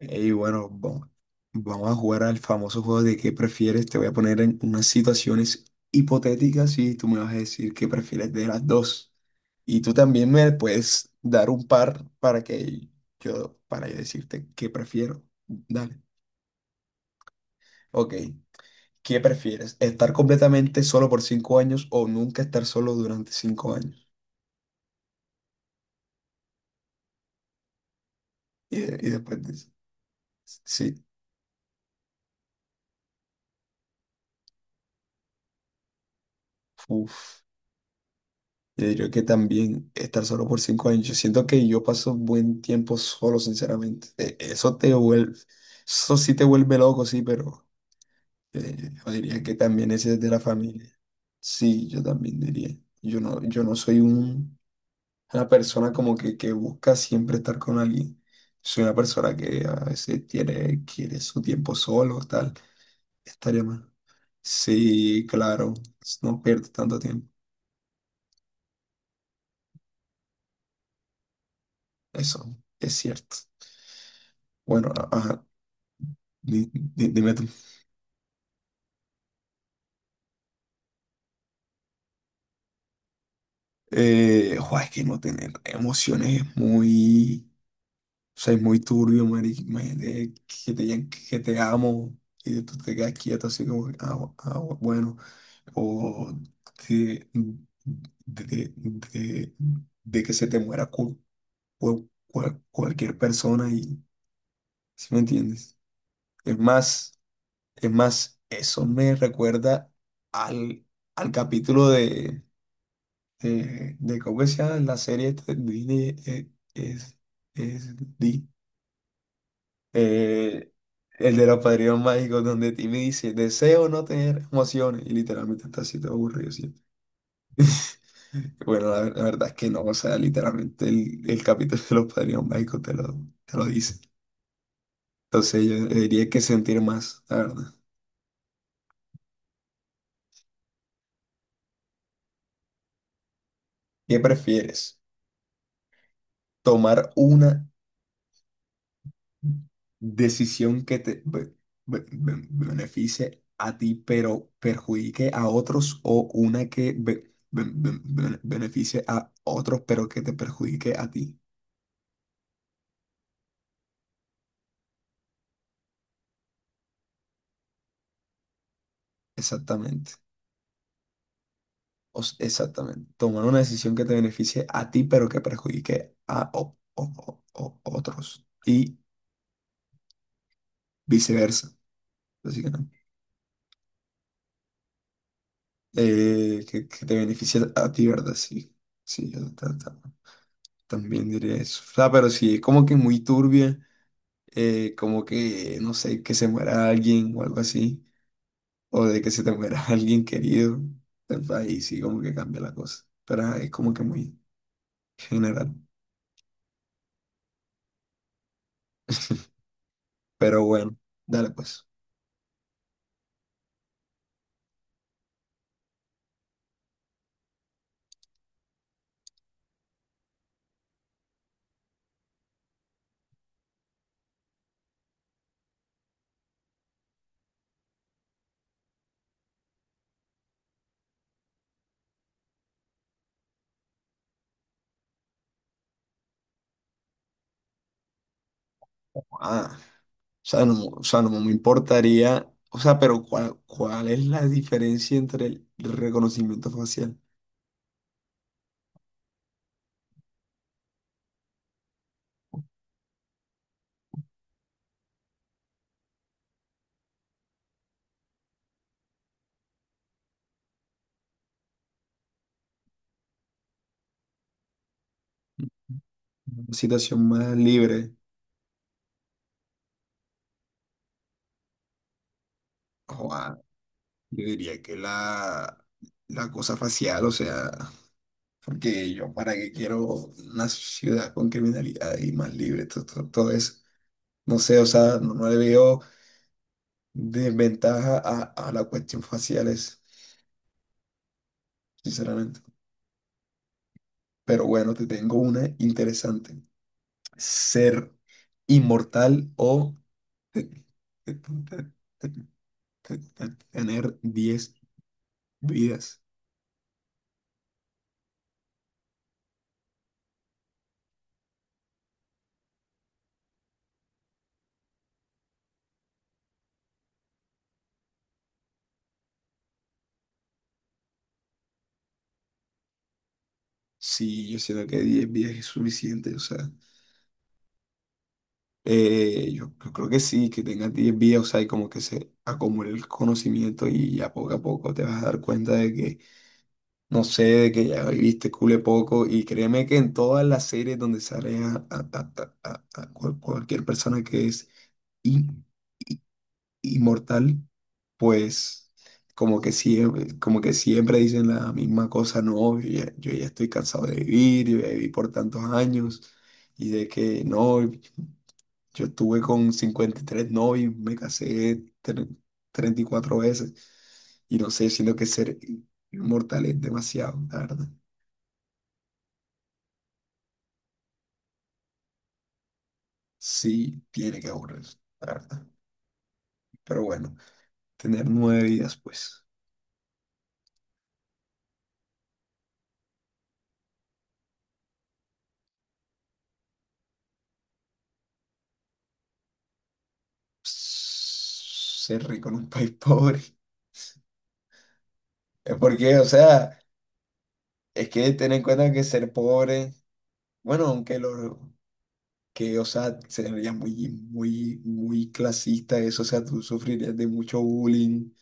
Y bueno, vamos a jugar al famoso juego de qué prefieres. Te voy a poner en unas situaciones hipotéticas y tú me vas a decir qué prefieres de las dos. Y tú también me puedes dar un par para que yo decirte qué prefiero. Dale. Ok, ¿qué prefieres? ¿Estar completamente solo por 5 años o nunca estar solo durante 5 años? Y después dices, sí, uff. Yo diría que también estar solo por 5 años. Yo siento que yo paso buen tiempo solo, sinceramente. Eso sí te vuelve loco, sí, pero yo diría que también ese es de la familia. Sí, yo también diría. Yo no soy una persona como que busca siempre estar con alguien. Soy una persona que a veces quiere su tiempo solo, tal. Estaría mal. Sí, claro, no pierdo tanto tiempo. Eso es cierto. Bueno, ajá. Dime tú. Jo, es que no tener emociones es muy, o sea, es muy turbio, marica. Imagínate que te digan que te amo y tú te quedas quieto así como, que, bueno, o de, de, de- de que se te muera cualquier persona y, ¿sí me entiendes? Es más, eso me recuerda al, al capítulo de cómo se llama la serie esta de Disney, es Di- eh, el de los padrinos mágicos, donde Timmy dice deseo no tener emociones, y literalmente está así todo aburrido siempre. Bueno, la verdad es que no, o sea, literalmente el capítulo de los padrinos mágicos te lo dice. Entonces yo diría que sentir más, la verdad. ¿Qué prefieres? ¿Tomar una decisión que te beneficie a ti, pero perjudique a otros, o una que beneficie a otros, pero que te perjudique a ti? Exactamente. Exactamente. Tomar una decisión que te beneficie a ti, pero que perjudique a otros. Y viceversa, básicamente. Que te beneficie a ti, ¿verdad? Sí. Sí, yo también diría eso. O sea, pero sí, es como que muy turbia. Como que, no sé, que se muera alguien o algo así, o de que se te muera alguien querido, entonces ahí sí como que cambia la cosa, pero ajá, es como que muy general, pero bueno, dale pues, ah, o sea, no me importaría, o sea, pero ¿cuál es la diferencia entre el reconocimiento facial? Una situación más libre, o yo diría que la cosa facial, o sea... Porque yo, ¿para qué quiero una ciudad con criminalidad y más libre? Todo, todo, todo eso. No sé, o sea, no le veo desventaja a la cuestión faciales, sinceramente. Pero bueno, te tengo una interesante. ¿Ser inmortal o te- te- te- te- tener 10 vidas? Sí, yo siento que 10 vidas es suficiente, o sea. Yo creo que sí, que tengas 10 vías, o sea, y como que se acumule el conocimiento, y ya poco a poco te vas a dar cuenta de que, no sé, de que ya viviste cule poco. Y créeme que en todas las series donde sale cualquier persona que es in- i- inmortal, pues como que siempre, dicen la misma cosa, no, yo ya estoy cansado de vivir, yo ya viví por tantos años y de que no. Yo estuve con 53 novios, me casé 34 veces y no sé, siento que ser inmortal es demasiado, la verdad. Sí, tiene que aburrir, la verdad. Pero bueno, tener nueve vidas, pues, ser rico en un país pobre. Es porque, o sea, es que ten en cuenta que ser pobre, bueno, aunque lo que, o sea, sería muy, muy, muy clasista eso, o sea, tú sufrirías de mucho bullying.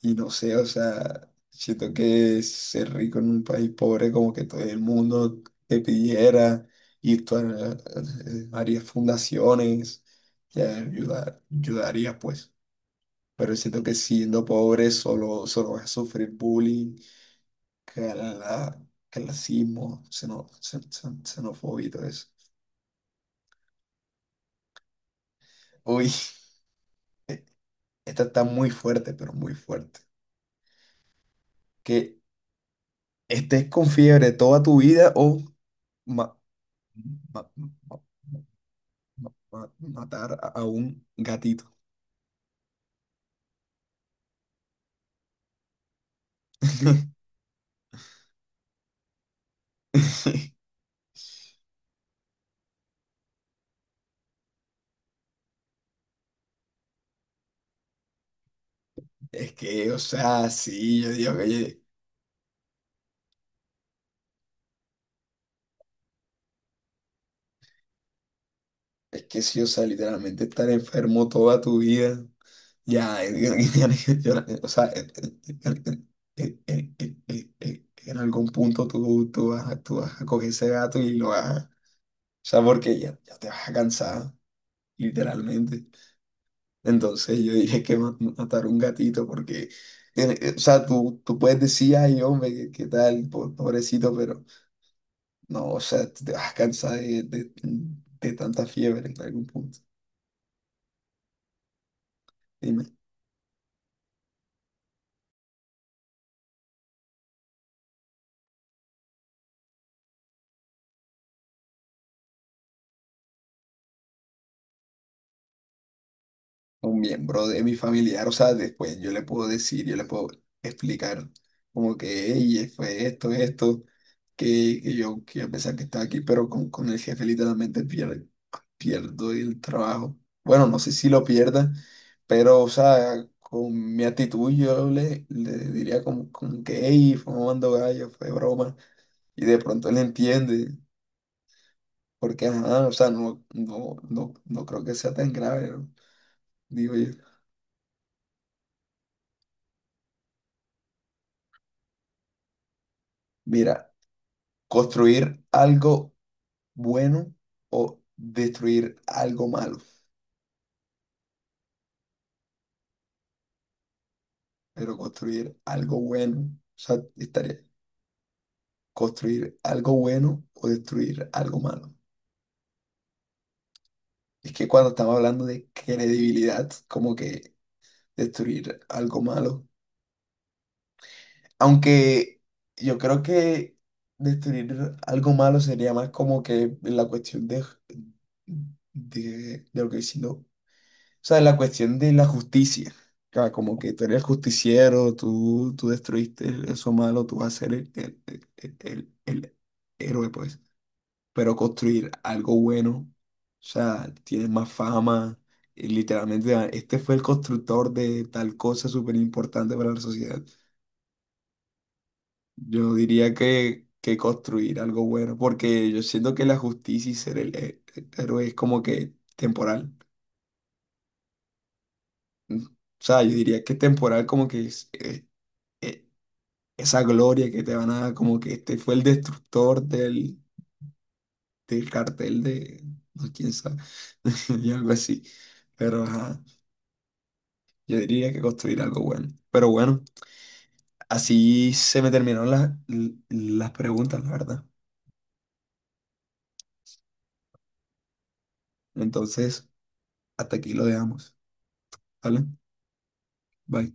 Y no sé, o sea, siento que ser rico en un país pobre, como que todo el mundo te pidiera, y harías fundaciones que ayudaría, pues. Pero siento que siendo pobre, solo vas a sufrir bullying, cala- clasismo, xenofobia y todo eso. Uy, esta está muy fuerte, pero muy fuerte. Que estés con fiebre toda tu vida o... ma- ma- ma- matar a un gatito. Es que, o sea, sí, yo digo, oye, es que sí, o sea, literalmente estar enfermo toda tu vida. Ya, o sea, en algún punto, tú vas a coger ese gato y lo vas a, o sea, porque ya te vas a cansar, literalmente. Entonces yo dije que matar un gatito porque, o sea, tú puedes decir, ay, hombre, qué tal, pobrecito, pero no, o sea, tú te vas a de, de- de tanta fiebre en algún punto. Dime, un miembro de mi familiar, o sea, después yo le puedo explicar como que, "Ey, fue esto, que yo, que a pesar que estaba aquí", pero con el jefe literalmente pierdo el trabajo. Bueno, no sé si lo pierda, pero, o sea, con mi actitud yo le diría como que, hey, fue mamando gallo, fue broma, y de pronto él entiende. Porque, ajá, o sea, no, no, no, no creo que sea tan grave, ¿no? Digo yo. Mira, construir algo bueno o destruir algo malo. Pero construir algo bueno, o sea, estaría construir algo bueno o destruir algo malo. Es que cuando estamos hablando de credibilidad, como que destruir algo malo. Aunque yo creo que destruir algo malo sería más como que la cuestión de lo que si o sea, la cuestión de la justicia. Como que tú eres justiciero, tú destruiste eso malo, tú vas a ser el héroe, pues. Pero construir algo bueno, o sea, tienes más fama, y literalmente, ah, este fue el constructor de tal cosa súper importante para la sociedad. Yo no diría que construir algo bueno, porque yo siento que la justicia y ser el héroe es como que temporal. Mm. O sea, yo diría que temporal como que es eh, esa gloria que te van a dar, como que este fue el destructor del cartel de, no, quién sabe, y algo así. Pero ajá, yo diría que construir algo bueno. Pero bueno, así se me terminaron las preguntas, la verdad. Entonces, hasta aquí lo dejamos. ¿Vale? Bye.